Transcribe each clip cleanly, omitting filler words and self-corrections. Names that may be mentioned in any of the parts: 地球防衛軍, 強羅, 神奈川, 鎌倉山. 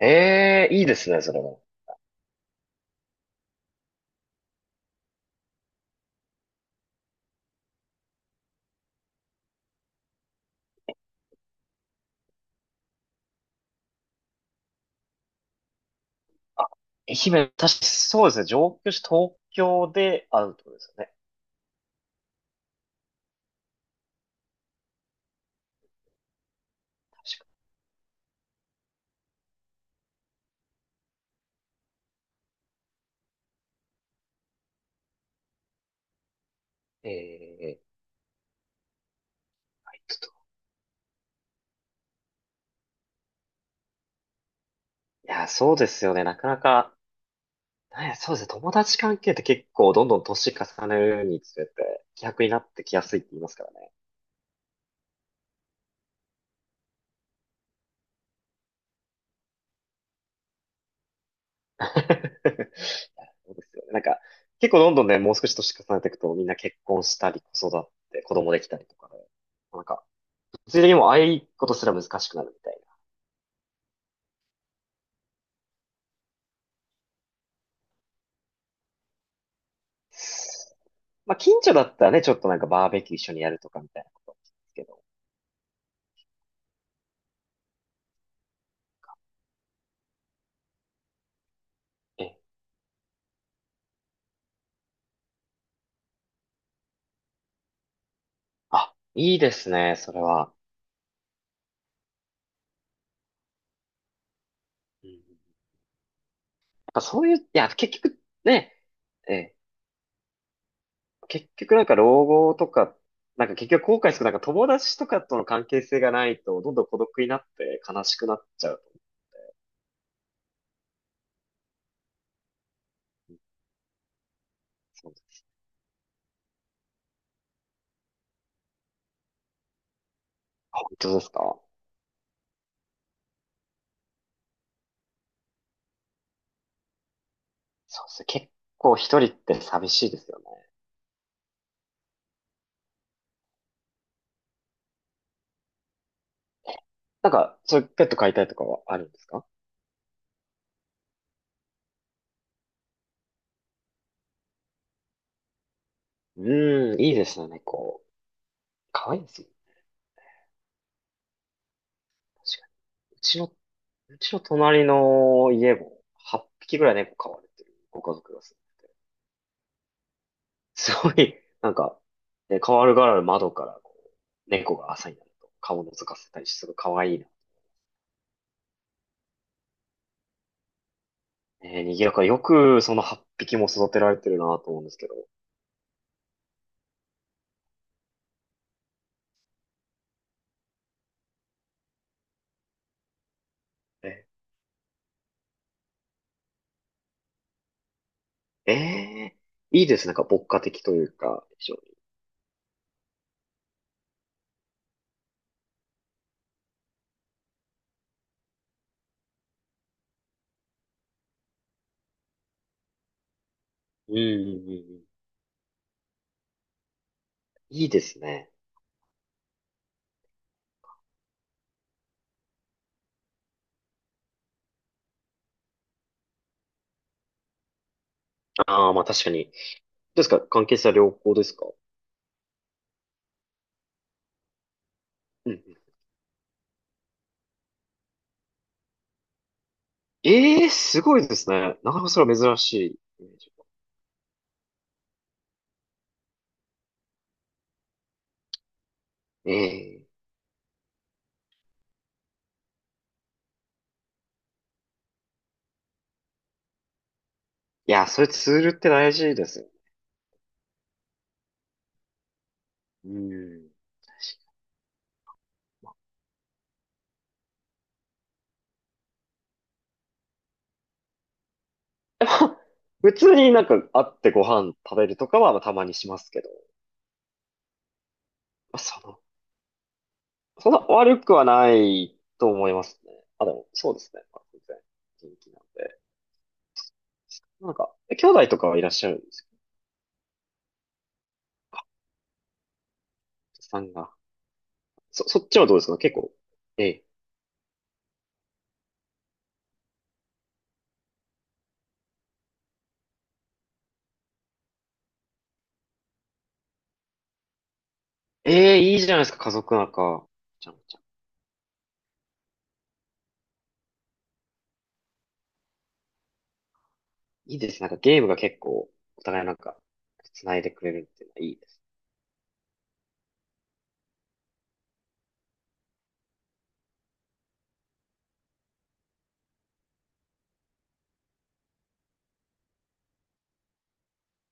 ええいいですね、それも。愛媛、確かにそうですね、上京して東京で会うってことですよね。確かに。ええちょっといや、そうですよね、なかなか、なんや、そうですね、友達関係って結構どんどん年重ねるにつれて、希薄になってきやすいって言いますからね。いやそうですよね。結構どんどんね、もう少し年重ねていくと、みんな結婚したり、子育て、子供できたりとかで、なんか、物理的にもああいうことすら難しくなるみたいな。まあ、近所だったらね、ちょっとなんかバーベキュー一緒にやるとかみたいなことですけど。え、あ、いいですね、それは。うんやっぱそういう、いや、結局ね、え、結局なんか老後とか、なんか結局後悔する、なんか友達とかとの関係性がないと、どんどん孤独になって悲しくなっちゃうと思う。そうです、あ本当ですか、そうですね。結構一人って寂しいですよね。なんか、そういうペット飼いたいとかはあるんですか？うーん、いいですね、猫。可愛いですよ。確かに。うちの隣の家も8匹ぐらい猫飼われてるご家族がす。すごい、なんか、ね、変わる変わる窓からこう、猫が朝になると顔を覗かせたりして、すごい可愛いな。えー、賑やかでよくその8匹も育てられてるなと思うんですけど。えー、えーいいですね。なんか牧歌的というか、非常に。うんうんうんうん。いいですね。ああ、まあ確かに。どうですか、関係性は良好ですか？うんうん。ええー、すごいですね。なかなかそれは珍しいイメージ。ええーいや、それツールって大事ですよ。うん。普通になんか会ってご飯食べるとかはまあたまにしますけど、まあ、その、そんな悪くはないと思いますね。あ、でも、そうですね。まあ、全然元気なんで。なんか、え兄弟とかはいらっしゃるんですか？さんが。そ、そっちはどうですか結構。ええ。ええ、いいじゃないですか、家族なんか。ちゃんちゃん。いいですね。なんかゲームが結構、お互いなんか、繋いでくれるっていうのはいいです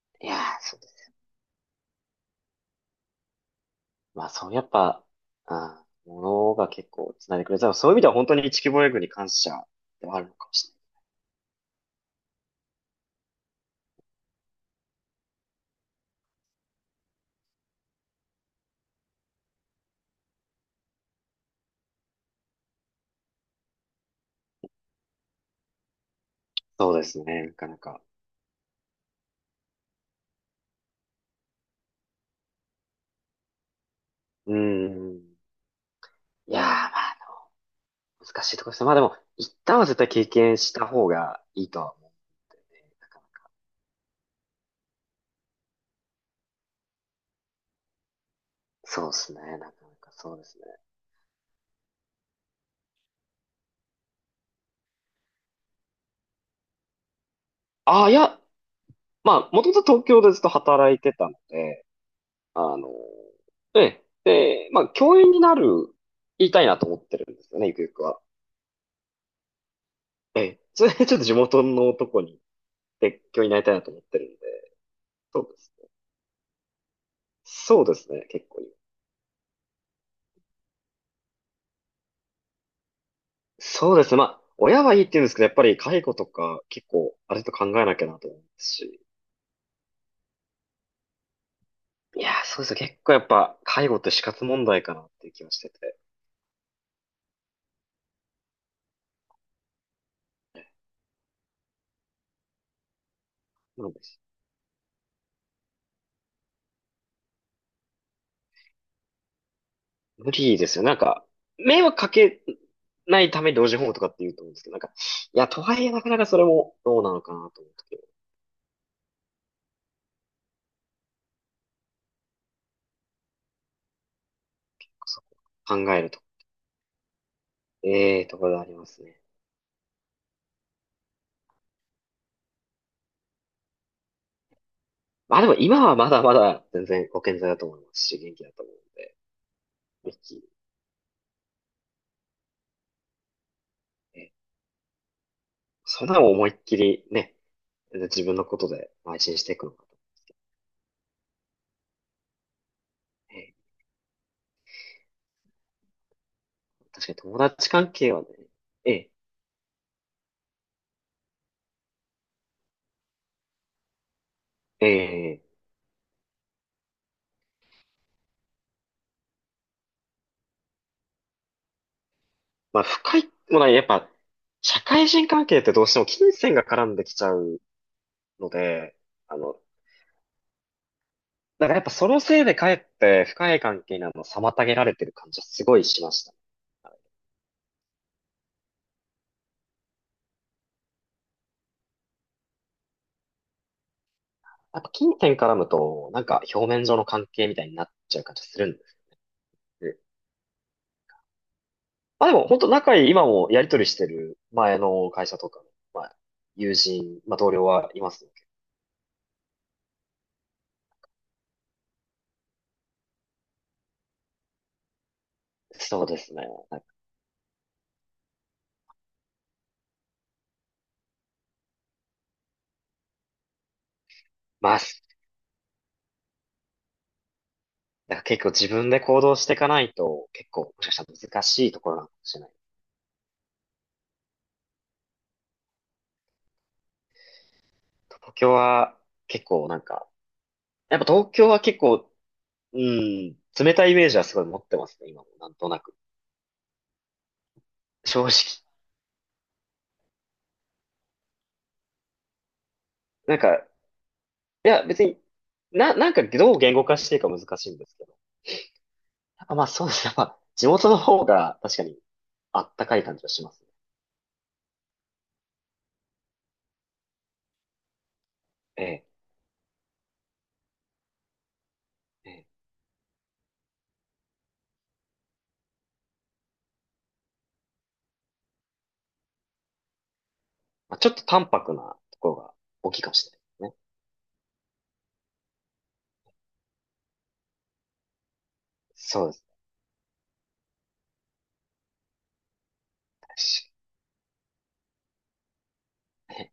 ね。いやー、そう。やっぱ、あものが結構繋いでくれた。そういう意味では本当に地球防衛軍に感謝ではあるのかもしれない。そうですね、なかなか。うーん。いやー、まあ、難しいところですね。まあでも、一旦は絶対経験した方がいいとは思うんでね。なかなか。そうですね、なかなかそうですね。ああ、いや、まあ、もともと東京でずっと働いてたので、あの、ええ、で、まあ、教員になる、言いたいなと思ってるんですよね、ゆくゆくは。ええ、それでちょっと地元のとこに別居になりたいなと思ってるんで、そうですね。そうですね、結構そうですね、まあ、親はいいって言うんですけど、やっぱり介護とか結構、あれと考えなきゃなと思うまし、いやー、そうですね、結構やっぱ、介護って死活問題かなっていう気はしてて、なんで無理ですよ、迷惑かけないために老人ホームとかって言うと思うんですけど、なんか、いや、とはいえなかなかそれもどうなのかなと思うとき、そこ考えると、ええところがありますね。まあでも今はまだまだ全然ご健在だと思いますし、元気だと思う。ミッキー、えそれでも思いっきりね、自分のことで邁進していくのか。ええ、確かに友達関係はね、ええ、ええ、まあ深いもないやっぱ、社会人関係ってどうしても金銭が絡んできちゃうので、あの、だからやっぱそのせいでかえって深い関係にあのを妨げられてる感じはすごいしました。やっぱ金銭絡むと、なんか表面上の関係みたいになっちゃう感じがするんです。あ、でも本当仲いい、今もやりとりしてる前の会社とかの、まあ、友人、まあ同僚はいますね。そうですね。なんかまあ、なんか結構自分で行動していかないと結構もしかしたら難しいところなのかもしれない。東京は結構なんか、やっぱ東京は結構、うん、冷たいイメージはすごい持ってますね、今もなんとなく。正直。なんか、いや別に、な、なんかどう言語化していいか難しいんですけど。やっぱまあそうですね。まあ地元の方が確かにあったかい感じはします。ええ、ええ。まあ、ちょっと淡白なところが大きいかもしれないですね。そうです。確かに